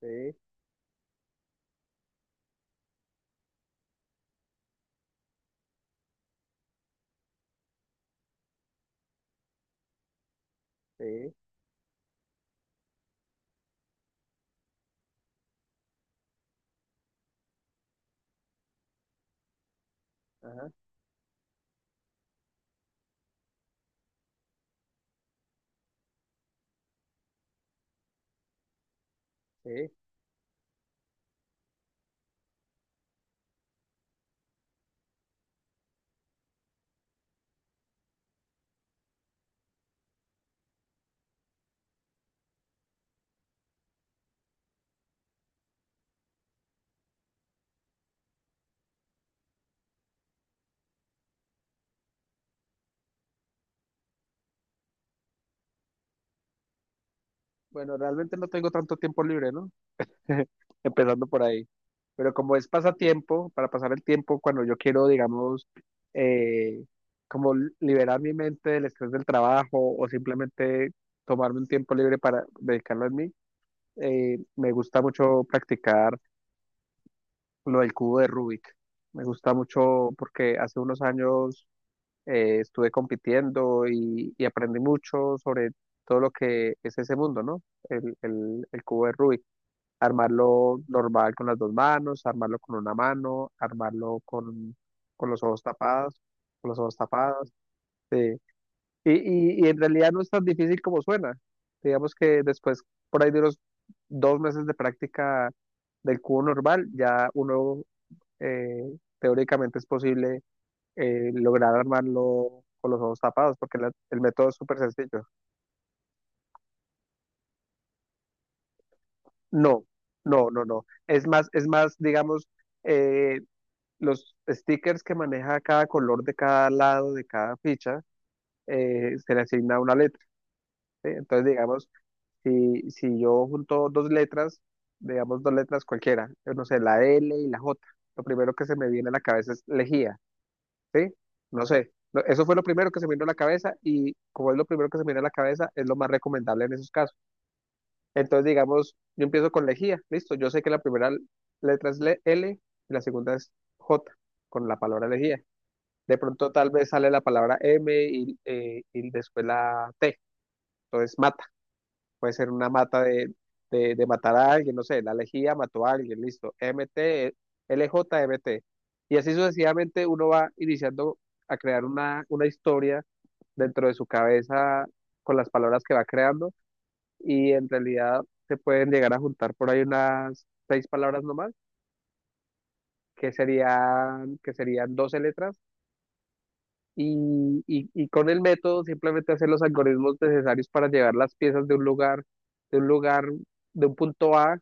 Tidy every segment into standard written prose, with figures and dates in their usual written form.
Sí, sí, ajá, sí. Bueno, realmente no tengo tanto tiempo libre, ¿no? Empezando por ahí. Pero como es pasatiempo, para pasar el tiempo cuando yo quiero, digamos, eh, como liberar mi mente del estrés del trabajo o simplemente tomarme un tiempo libre para dedicarlo a mí, me gusta mucho practicar lo del cubo de Rubik. Me gusta mucho porque hace unos años estuve compitiendo y aprendí mucho sobre todo lo que es ese mundo, ¿no? El cubo de Rubik. Armarlo normal con las dos manos, armarlo con una mano, armarlo con los ojos tapados, con los ojos tapados. Sí. Y en realidad no es tan difícil como suena. Digamos que después, por ahí de unos 2 meses de práctica del cubo normal, ya uno teóricamente es posible lograr armarlo con los ojos tapados, porque el método es súper sencillo. No, no, no, no. Es más, digamos, eh, los stickers que maneja cada color de cada lado, de cada ficha, se le asigna una letra, ¿sí? Entonces, digamos, si yo junto dos letras, digamos dos letras cualquiera, yo no sé, la L y la J, lo primero que se me viene a la cabeza es lejía. ¿Sí? No sé, eso fue lo primero que se me vino a la cabeza y como es lo primero que se me vino a la cabeza, es lo más recomendable en esos casos. Entonces, digamos, yo empiezo con lejía, listo, yo sé que la primera letra es L y la segunda es J, con la palabra lejía. De pronto tal vez sale la palabra M y después la T, entonces mata puede ser una mata de matar a alguien, no sé, la lejía mató a alguien, listo, M T L J M T. Y así sucesivamente uno va iniciando a crear una historia dentro de su cabeza con las palabras que va creando y en realidad se pueden llegar a juntar por ahí unas seis palabras nomás, que serían 12 letras y con el método simplemente hacer los algoritmos necesarios para llevar las piezas de un lugar, de un lugar, de un punto A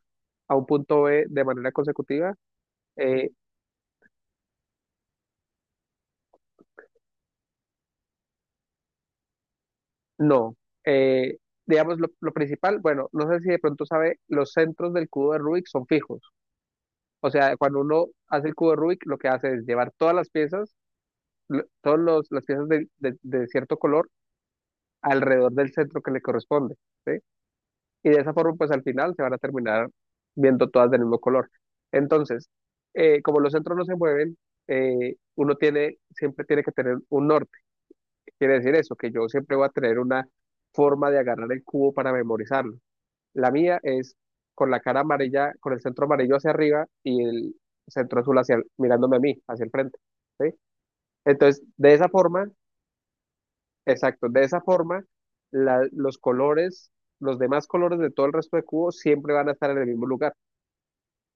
a un punto B de manera consecutiva. Eh, no. Eh, digamos, lo principal, bueno, no sé si de pronto sabe, los centros del cubo de Rubik son fijos. O sea, cuando uno hace el cubo de Rubik, lo que hace es llevar todas las piezas, todas las piezas de cierto color alrededor del centro que le corresponde, ¿sí? Y de esa forma pues al final se van a terminar viendo todas del mismo color. Entonces, como los centros no se mueven, uno tiene, siempre tiene que tener un norte. Quiere decir eso, que yo siempre voy a tener una forma de agarrar el cubo para memorizarlo. La mía es con la cara amarilla, con el centro amarillo hacia arriba y el centro azul hacia, mirándome a mí, hacia el frente. ¿Sí? Entonces, de esa forma, exacto, de esa forma, los colores, los demás colores de todo el resto de cubos siempre van a estar en el mismo lugar.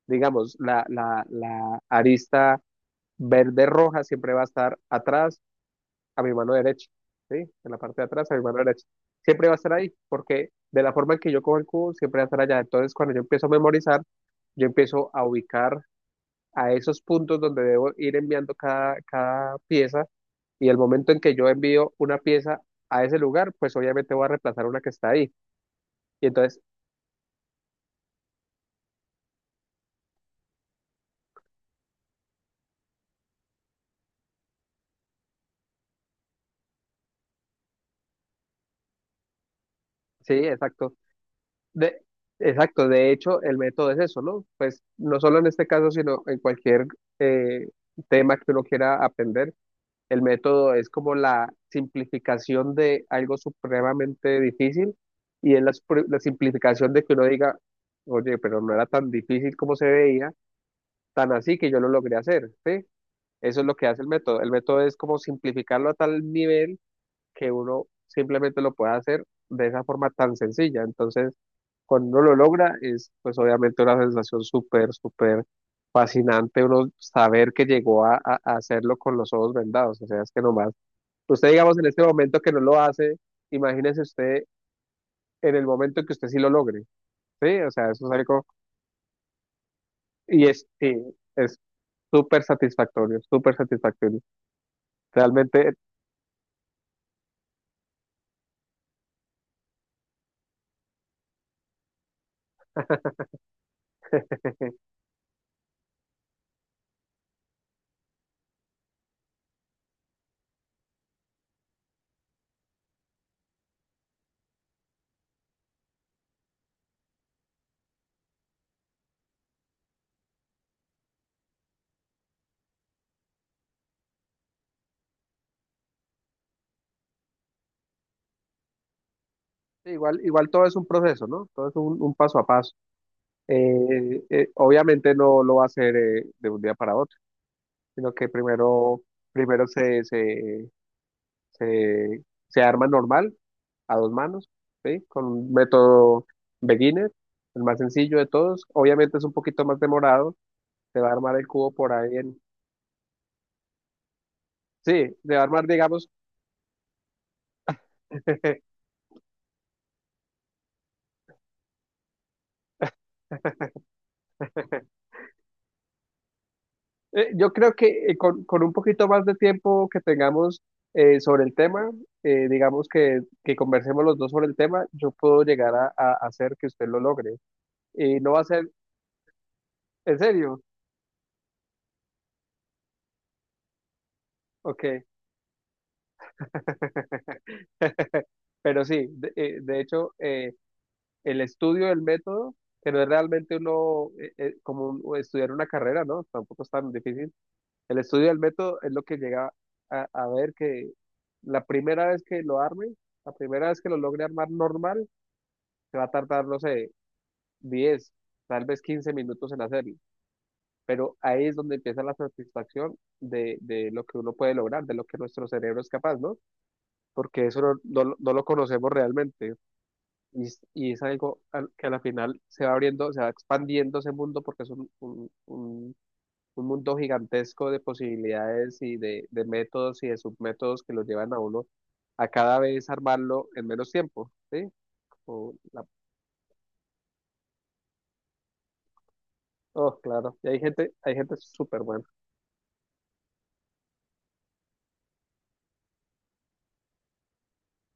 Digamos, la arista verde-roja siempre va a estar atrás a mi mano derecha, ¿sí? En la parte de atrás a mi mano derecha. Siempre va a estar ahí, porque de la forma en que yo cojo el cubo, siempre va a estar allá. Entonces, cuando yo empiezo a memorizar, yo empiezo a ubicar a esos puntos donde debo ir enviando cada pieza y el momento en que yo envío una pieza a ese lugar, pues obviamente voy a reemplazar una que está ahí. Y entonces, sí, exacto. De, exacto, de hecho, el método es eso, ¿no? Pues no solo en este caso, sino en cualquier eh, tema que uno quiera aprender, el método es como la simplificación de algo supremamente difícil y es la, la simplificación de que uno diga, oye, pero no era tan difícil como se veía, tan así que yo lo logré hacer, ¿sí? Eso es lo que hace el método. El método es como simplificarlo a tal nivel que uno simplemente lo pueda hacer de esa forma tan sencilla. Entonces, cuando uno lo logra, es pues obviamente una sensación súper, súper fascinante uno saber que llegó a hacerlo con los ojos vendados. O sea, es que nomás, usted digamos en este momento que no lo hace, imagínese usted en el momento que usted sí lo logre. Sí, o sea, eso es algo, y es, sí, es súper satisfactorio, súper satisfactorio. Realmente, eh, igual, igual todo es un proceso, ¿no? Todo es un paso a paso. Obviamente no lo va a hacer de un día para otro, sino que primero, primero se arma normal, a dos manos, ¿sí? Con un método beginner, el más sencillo de todos. Obviamente es un poquito más demorado, se va a armar el cubo por ahí en. Sí, se va a armar, digamos, yo creo que con un poquito más de tiempo que tengamos sobre el tema, digamos que conversemos los dos sobre el tema, yo puedo llegar a hacer que usted lo logre. Y no va a ser, ¿en serio? Ok. Pero sí, de hecho, el estudio del método, que no es realmente uno, como estudiar una carrera, ¿no? Tampoco es tan difícil. El estudio del método es lo que llega a ver que la primera vez que lo arme, la primera vez que lo logre armar normal, se va a tardar, no sé, 10 tal vez 15 minutos en hacerlo. Pero ahí es donde empieza la satisfacción de lo que uno puede lograr, de lo que nuestro cerebro es capaz, ¿no? Porque eso no lo conocemos realmente. Y, y es algo que a la final se va abriendo, se va expandiendo ese mundo porque es un, un mundo gigantesco de posibilidades y de métodos y de submétodos que lo llevan a uno a cada vez armarlo en menos tiempo, ¿sí? Como la- oh, claro. Y hay gente súper buena.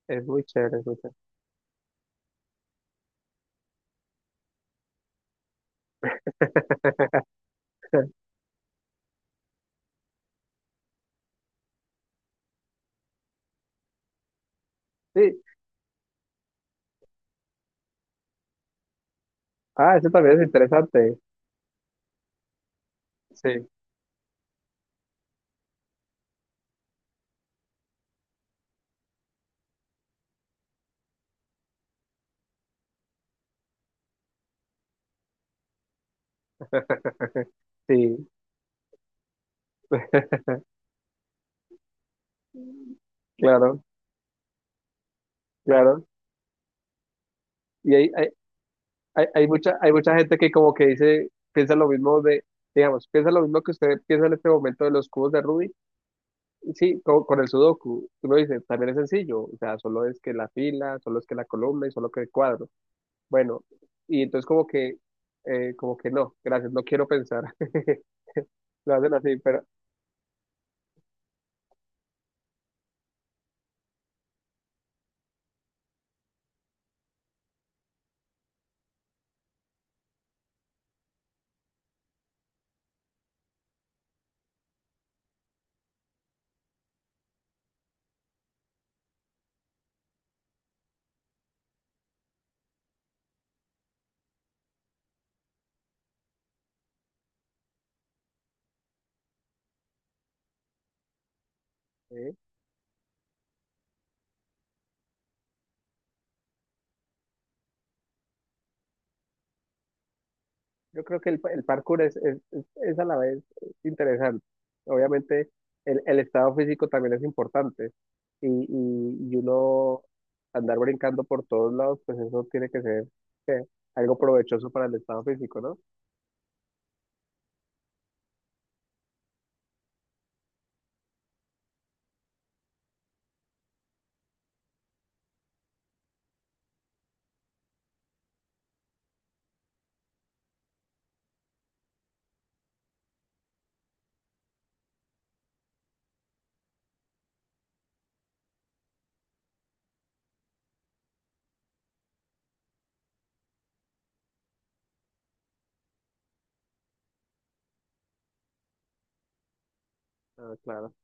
Es muy chévere, es muy chévere. Sí. Ah, eso también es interesante. Sí, sí, claro, claro. Y hay mucha gente que como que dice, piensa lo mismo de, digamos, piensa lo mismo que usted piensa en este momento de los cubos de Rubik. Sí, el sudoku, tú lo dices, también es sencillo, o sea, solo es que la fila, solo es que la columna y solo que el cuadro. Bueno, y entonces como que no, gracias, no quiero pensar. Lo hacen así, pero eh, yo creo que el parkour es a la vez interesante. Obviamente el estado físico también es importante y uno andar brincando por todos lados, pues eso tiene que ser eh, algo provechoso para el estado físico, ¿no? Ah, claro.